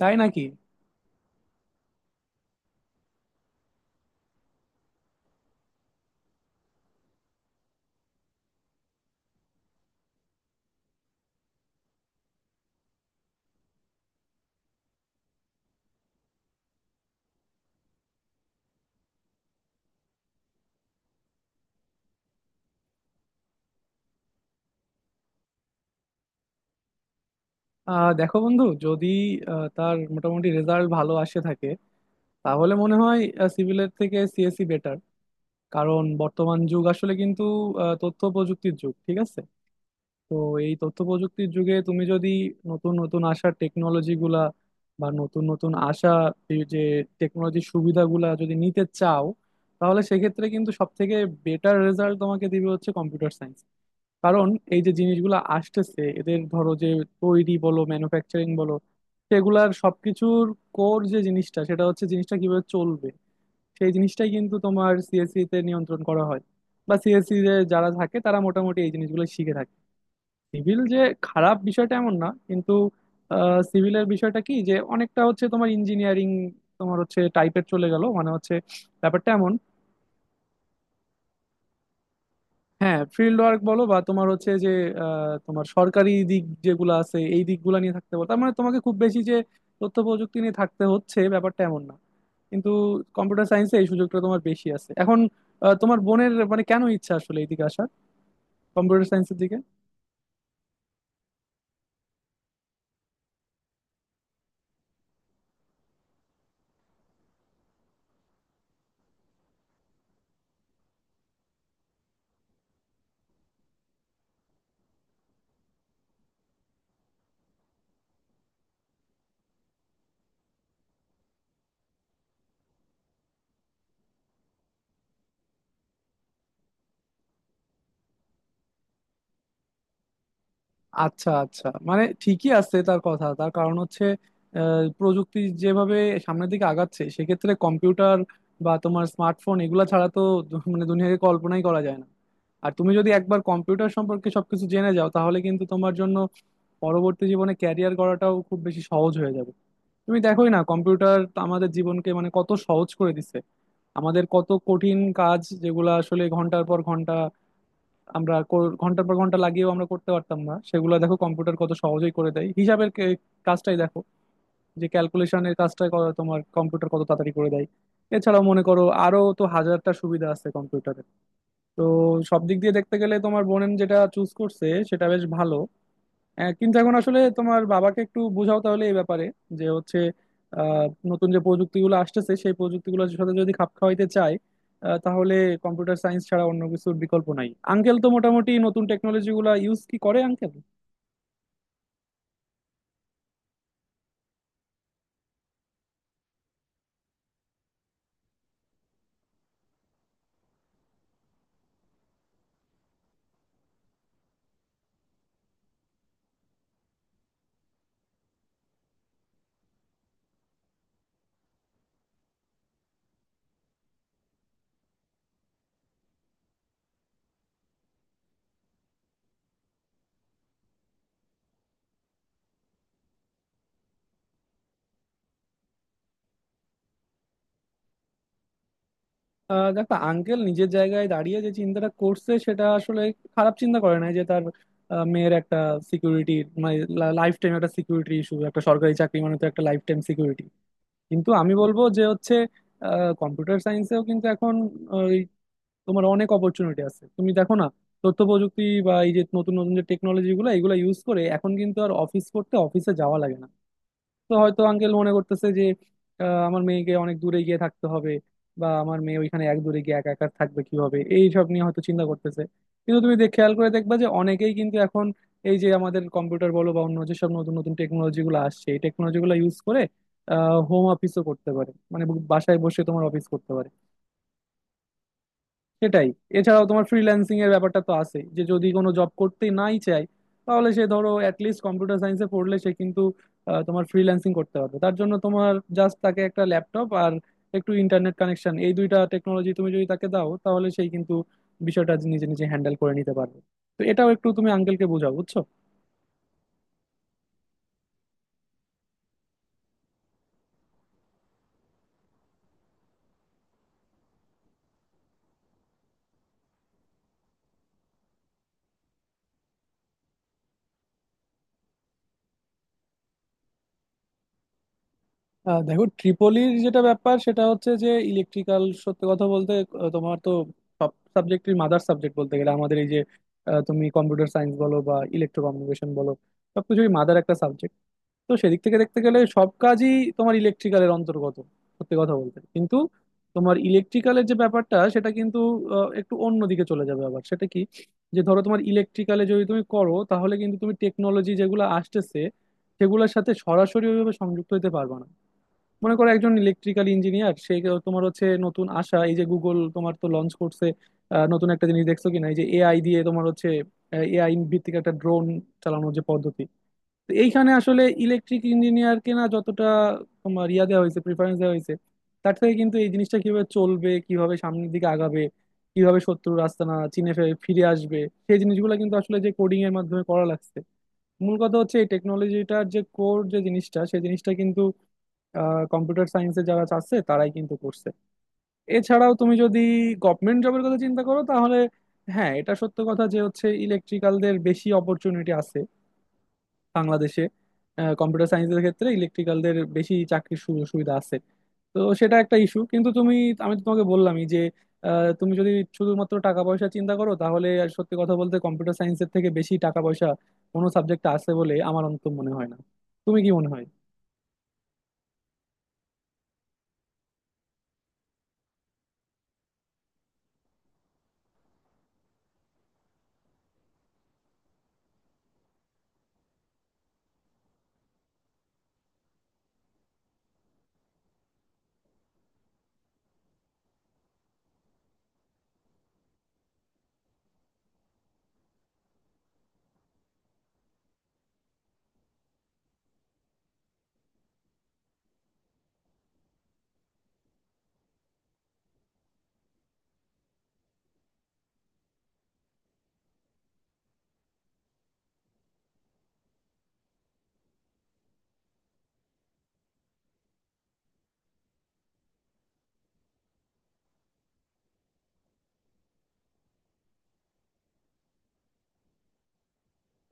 তাই নাকি? দেখো বন্ধু, যদি তার মোটামুটি রেজাল্ট ভালো আসে থাকে, তাহলে মনে হয় সিভিলের থেকে সিএসসি বেটার। কারণ বর্তমান যুগ আসলে কিন্তু তথ্য প্রযুক্তির যুগ, ঠিক আছে? তো এই তথ্য প্রযুক্তির যুগে তুমি যদি নতুন নতুন আসা টেকনোলজি গুলা বা নতুন নতুন আসা এই যে টেকনোলজির সুবিধাগুলা যদি নিতে চাও, তাহলে সেক্ষেত্রে কিন্তু সব থেকে বেটার রেজাল্ট তোমাকে দিবে হচ্ছে কম্পিউটার সায়েন্স। কারণ এই যে জিনিসগুলো আসতেছে এদের ধরো যে তৈরি বলো ম্যানুফ্যাকচারিং বলো, সেগুলার সবকিছুর কোর যে জিনিসটা সেটা হচ্ছে জিনিসটা কিভাবে চলবে, সেই জিনিসটাই কিন্তু তোমার সিএসসি তে নিয়ন্ত্রণ করা হয়। বা সিএসসি তে যারা থাকে তারা মোটামুটি এই জিনিসগুলো শিখে থাকে। সিভিল যে খারাপ বিষয়টা এমন না, কিন্তু সিভিলের বিষয়টা কি যে অনেকটা হচ্ছে তোমার ইঞ্জিনিয়ারিং তোমার হচ্ছে টাইপের চলে গেল, মানে হচ্ছে ব্যাপারটা এমন। হ্যাঁ, ফিল্ড ওয়ার্ক বলো বা তোমার হচ্ছে যে তোমার সরকারি দিক যেগুলো আছে এই দিকগুলো নিয়ে থাকতে পারো, তার মানে তোমাকে খুব বেশি যে তথ্য প্রযুক্তি নিয়ে থাকতে হচ্ছে ব্যাপারটা এমন না। কিন্তু কম্পিউটার সায়েন্সে এই সুযোগটা তোমার বেশি আছে এখন। তোমার বোনের মানে কেন ইচ্ছা আসলে এইদিকে আসার, কম্পিউটার সায়েন্সের দিকে? আচ্ছা আচ্ছা, মানে ঠিকই আছে তার কথা, তার কারণ হচ্ছে প্রযুক্তি যেভাবে সামনের দিকে আগাচ্ছে সেক্ষেত্রে কম্পিউটার বা তোমার স্মার্টফোন এগুলা ছাড়া তো মানে দুনিয়াকে কল্পনাই করা যায় না। আর তুমি যদি একবার কম্পিউটার সম্পর্কে সবকিছু জেনে যাও তাহলে কিন্তু তোমার জন্য পরবর্তী জীবনে ক্যারিয়ার গড়াটাও খুব বেশি সহজ হয়ে যাবে। তুমি দেখোই না কম্পিউটার আমাদের জীবনকে মানে কত সহজ করে দিছে। আমাদের কত কঠিন কাজ যেগুলো আসলে ঘন্টার পর ঘন্টা আমরা ঘন্টার পর ঘন্টা লাগিয়েও আমরা করতে পারতাম না সেগুলো দেখো কম্পিউটার কত সহজেই করে দেয়। হিসাবের কাজটাই দেখো, যে ক্যালকুলেশনের কাজটা তোমার কম্পিউটার কত তাড়াতাড়ি করে দেয়। এছাড়াও মনে করো আরো তো হাজারটা সুবিধা আছে কম্পিউটারে। তো সব দিক দিয়ে দেখতে গেলে তোমার বোনেন যেটা চুজ করছে সেটা বেশ ভালো। হ্যাঁ, কিন্তু এখন আসলে তোমার বাবাকে একটু বোঝাও তাহলে এই ব্যাপারে যে হচ্ছে নতুন যে প্রযুক্তিগুলো আসতেছে সেই প্রযুক্তিগুলোর সাথে যদি খাপ খাওয়াইতে চায় তাহলে কম্পিউটার সায়েন্স ছাড়া অন্য কিছুর বিকল্প নাই। আঙ্কেল তো মোটামুটি নতুন টেকনোলজি গুলা ইউজ কি করে আঙ্কেল? দেখো, আঙ্কেল নিজের জায়গায় দাঁড়িয়ে যে চিন্তাটা করছে সেটা আসলে খারাপ চিন্তা করে নাই, যে তার মেয়ের একটা সিকিউরিটি, মানে লাইফ টাইম একটা সিকিউরিটি ইস্যু, একটা সরকারি চাকরি মানে তো একটা লাইফ টাইম সিকিউরিটি। কিন্তু আমি বলবো যে হচ্ছে কম্পিউটার সায়েন্সেও কিন্তু এখন ওই তোমার অনেক অপরচুনিটি আছে। তুমি দেখো না তথ্য প্রযুক্তি বা এই যে নতুন নতুন যে টেকনোলজি গুলো এগুলো ইউজ করে এখন কিন্তু আর অফিস করতে অফিসে যাওয়া লাগে না। তো হয়তো আঙ্কেল মনে করতেছে যে আমার মেয়েকে অনেক দূরে গিয়ে থাকতে হবে বা আমার মেয়ে ওইখানে এক দূরে গিয়ে একা একা থাকবে কিভাবে, এই সব নিয়ে হয়তো চিন্তা করতেছে। কিন্তু তুমি দেখ খেয়াল করে দেখবা যে অনেকেই কিন্তু এখন এই যে আমাদের কম্পিউটার বলো বা অন্য যেসব নতুন নতুন টেকনোলজি গুলো আসছে এই টেকনোলজি গুলো ইউজ করে হোম অফিসও করতে পারে, মানে বাসায় বসে তোমার অফিস করতে পারে। সেটাই। এছাড়াও তোমার ফ্রিল্যান্সিং এর ব্যাপারটা তো আছে যে যদি কোনো জব করতে নাই চায় তাহলে সে ধরো অ্যাটলিস্ট কম্পিউটার সায়েন্সে পড়লে সে কিন্তু তোমার ফ্রিল্যান্সিং করতে পারবে। তার জন্য তোমার জাস্ট তাকে একটা ল্যাপটপ আর একটু ইন্টারনেট কানেকশন এই দুইটা টেকনোলজি তুমি যদি তাকে দাও তাহলে সেই কিন্তু বিষয়টা নিজে নিজে হ্যান্ডেল করে নিতে পারবে। তো এটাও একটু তুমি আঙ্কেলকে বোঝাও বুঝছো? দেখো, ট্রিপলির যেটা ব্যাপার সেটা হচ্ছে যে ইলেকট্রিক্যাল সত্যি কথা বলতে তোমার তো সব সাবজেক্টের মাদার সাবজেক্ট বলতে গেলে আমাদের এই যে তুমি কম্পিউটার সায়েন্স বলো বা ইলেকট্রো কমিউনিকেশন বলো, সবকিছুই মাদার একটা সাবজেক্ট। তো সেদিক থেকে দেখতে গেলে সব কাজই তোমার ইলেকট্রিক্যালের অন্তর্গত সত্যি কথা বলতে। কিন্তু তোমার ইলেকট্রিক্যালের যে ব্যাপারটা সেটা কিন্তু একটু অন্য দিকে চলে যাবে আবার সেটা কি, যে ধরো তোমার ইলেকট্রিক্যালে যদি তুমি করো তাহলে কিন্তু তুমি টেকনোলজি যেগুলো আসতেছে সেগুলোর সাথে সরাসরি ওইভাবে সংযুক্ত হতে পারবে না। মনে করো একজন ইলেকট্রিক্যাল ইঞ্জিনিয়ার সে তোমার হচ্ছে নতুন আশা এই যে গুগল তোমার তো লঞ্চ করছে নতুন একটা জিনিস দেখছো কিনা এই যে এআই দিয়ে তোমার হচ্ছে এআই ভিত্তিক একটা ড্রোন চালানোর যে পদ্ধতি। তো এইখানে আসলে ইলেকট্রিক ইঞ্জিনিয়ারকে না যতটা তোমার ইয়া দেওয়া হয়েছে প্রিফারেন্স দেওয়া হয়েছে তার থেকে কিন্তু এই জিনিসটা কিভাবে চলবে কিভাবে সামনের দিকে আগাবে কিভাবে শত্রুর আস্তানা চিনে ফিরে আসবে সেই জিনিসগুলো কিন্তু আসলে যে কোডিং এর মাধ্যমে করা লাগছে। মূল কথা হচ্ছে এই টেকনোলজিটার যে কোর যে জিনিসটা সেই জিনিসটা কিন্তু কম্পিউটার সায়েন্সে যারা চাচ্ছে তারাই কিন্তু করছে। এছাড়াও তুমি যদি গভর্নমেন্ট জবের কথা চিন্তা করো তাহলে হ্যাঁ, এটা সত্য কথা যে হচ্ছে ইলেকট্রিক্যালদের বেশি অপরচুনিটি আছে বাংলাদেশে, কম্পিউটার সায়েন্সের ক্ষেত্রে ইলেকট্রিক্যালদের বেশি চাকরির সুযোগ সুবিধা আছে। তো সেটা একটা ইস্যু, কিন্তু তুমি আমি তো তোমাকে বললামই যে তুমি যদি শুধুমাত্র টাকা পয়সা চিন্তা করো তাহলে আর সত্যি কথা বলতে কম্পিউটার সায়েন্সের থেকে বেশি টাকা পয়সা কোনো সাবজেক্ট আছে বলে আমার অন্তত মনে হয় না। তুমি কি মনে হয়?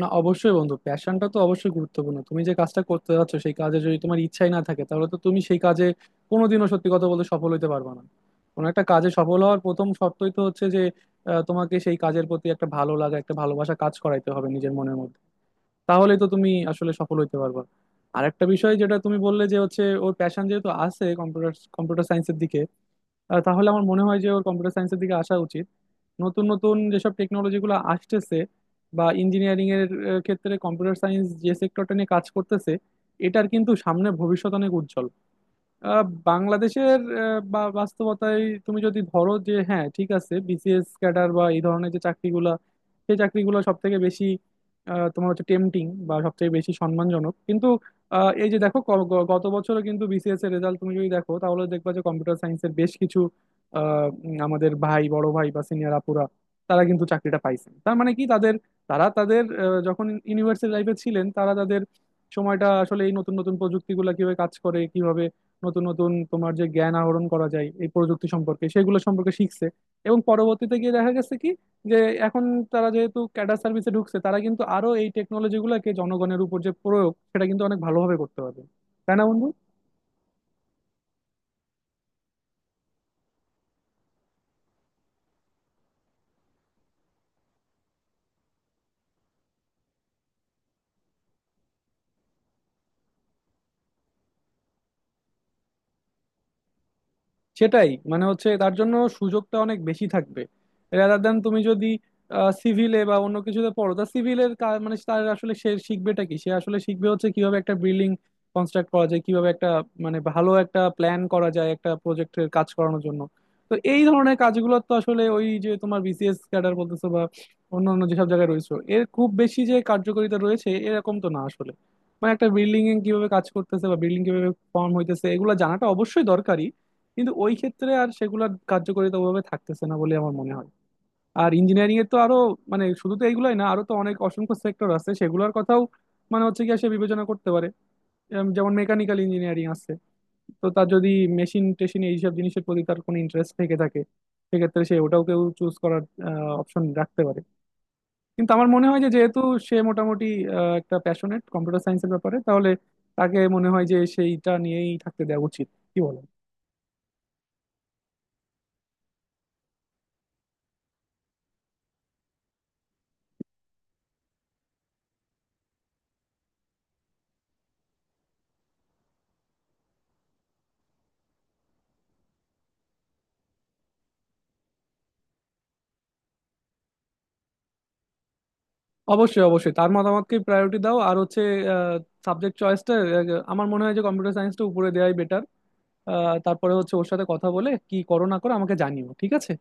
না, অবশ্যই বন্ধু প্যাশনটা তো অবশ্যই গুরুত্বপূর্ণ, তুমি যে কাজটা করতে যাচ্ছ সেই কাজে যদি তোমার ইচ্ছাই না থাকে তাহলে তো তুমি সেই কাজে কোনোদিনও সত্যি কথা বলতে সফল হতে পারবে না। কোনো একটা কাজে সফল হওয়ার প্রথম শর্তই তো হচ্ছে যে তোমাকে সেই কাজের প্রতি একটা ভালো লাগা একটা ভালোবাসা কাজ করাইতে হবে নিজের মনের মধ্যে, তাহলেই তো তুমি আসলে সফল হইতে পারবে। আর একটা বিষয় যেটা তুমি বললে যে হচ্ছে ওর প্যাশন যেহেতু আছে কম্পিউটার কম্পিউটার সায়েন্সের দিকে, তাহলে আমার মনে হয় যে ওর কম্পিউটার সায়েন্সের দিকে আসা উচিত। নতুন নতুন যেসব টেকনোলজি গুলো আসতেছে বা ইঞ্জিনিয়ারিং এর ক্ষেত্রে কম্পিউটার সায়েন্স যে সেক্টরটা নিয়ে কাজ করতেছে এটার কিন্তু সামনে ভবিষ্যৎ অনেক উজ্জ্বল। আহ, বাংলাদেশের বাস্তবতায় তুমি যদি ধরো যে হ্যাঁ ঠিক আছে বিসিএস ক্যাডার বা এই ধরনের যে চাকরিগুলা সেই চাকরিগুলো সব থেকে বেশি তোমার হচ্ছে টেম্পটিং বা সব থেকে বেশি সম্মানজনক। কিন্তু এই যে দেখো গত বছরও কিন্তু বিসিএস এর রেজাল্ট তুমি যদি দেখো তাহলে দেখবা যে কম্পিউটার সায়েন্সের বেশ কিছু আমাদের বড় ভাই বা সিনিয়র আপুরা তারা কিন্তু চাকরিটা পাইছেন। তার মানে কি তাদের, তারা তাদের যখন ইউনিভার্সিটি লাইফে ছিলেন তারা তাদের সময়টা আসলে এই নতুন নতুন প্রযুক্তিগুলো কিভাবে কাজ করে কিভাবে নতুন নতুন তোমার যে জ্ঞান আহরণ করা যায় এই প্রযুক্তি সম্পর্কে সেগুলো সম্পর্কে শিখছে। এবং পরবর্তীতে গিয়ে দেখা গেছে কি যে এখন তারা যেহেতু ক্যাডার সার্ভিসে ঢুকছে তারা কিন্তু আরো এই টেকনোলজি গুলোকে জনগণের উপর যে প্রয়োগ সেটা কিন্তু অনেক ভালোভাবে করতে পারবে, তাই না বন্ধু? সেটাই, মানে হচ্ছে তার জন্য সুযোগটা অনেক বেশি থাকবে রাদার দেন তুমি যদি সিভিলে বা অন্য কিছুতে পড়ো। তা সিভিলের মানে তার আসলে সে শিখবেটা কি, সে আসলে শিখবে হচ্ছে কিভাবে একটা বিল্ডিং কনস্ট্রাক্ট করা যায় কিভাবে একটা মানে ভালো একটা প্ল্যান করা যায় একটা প্রজেক্টের কাজ করানোর জন্য। তো এই ধরনের কাজগুলো তো আসলে ওই যে তোমার বিসিএস ক্যাডার বলতেছো বা অন্য অন্য যেসব জায়গায় রয়েছে এর খুব বেশি যে কার্যকারিতা রয়েছে এরকম তো না আসলে। মানে একটা বিল্ডিং এ কিভাবে কাজ করতেছে বা বিল্ডিং কিভাবে ফর্ম হইতেছে এগুলো জানাটা অবশ্যই দরকারি, কিন্তু ওই ক্ষেত্রে আর সেগুলোর কার্যকারিতা ওভাবে থাকতেছে না বলে আমার মনে হয়। আর ইঞ্জিনিয়ারিং এর তো আরো মানে শুধু তো এইগুলাই না আরো তো অনেক অসংখ্য সেক্টর আছে সেগুলোর কথাও মানে হচ্ছে কি সে বিবেচনা করতে পারে। এরম যেমন মেকানিক্যাল ইঞ্জিনিয়ারিং আছে, তো তার যদি মেশিন টেশিন এইসব জিনিসের প্রতি তার কোনো ইন্টারেস্ট থেকে থাকে সেক্ষেত্রে সে ওটাও কেউ চুজ করার অপশন রাখতে পারে। কিন্তু আমার মনে হয় যে যেহেতু সে মোটামুটি একটা প্যাশনেট কম্পিউটার সায়েন্সের ব্যাপারে তাহলে তাকে মনে হয় যে সেইটা নিয়েই থাকতে দেওয়া উচিত, কি বলো? অবশ্যই অবশ্যই তার মতামতকে প্রায়োরিটি দাও, আর হচ্ছে সাবজেক্ট চয়েসটা আমার মনে হয় যে কম্পিউটার সায়েন্সটা উপরে দেওয়াই বেটার। তারপরে হচ্ছে ওর সাথে কথা বলে কি করো না করো আমাকে জানিও, ঠিক আছে?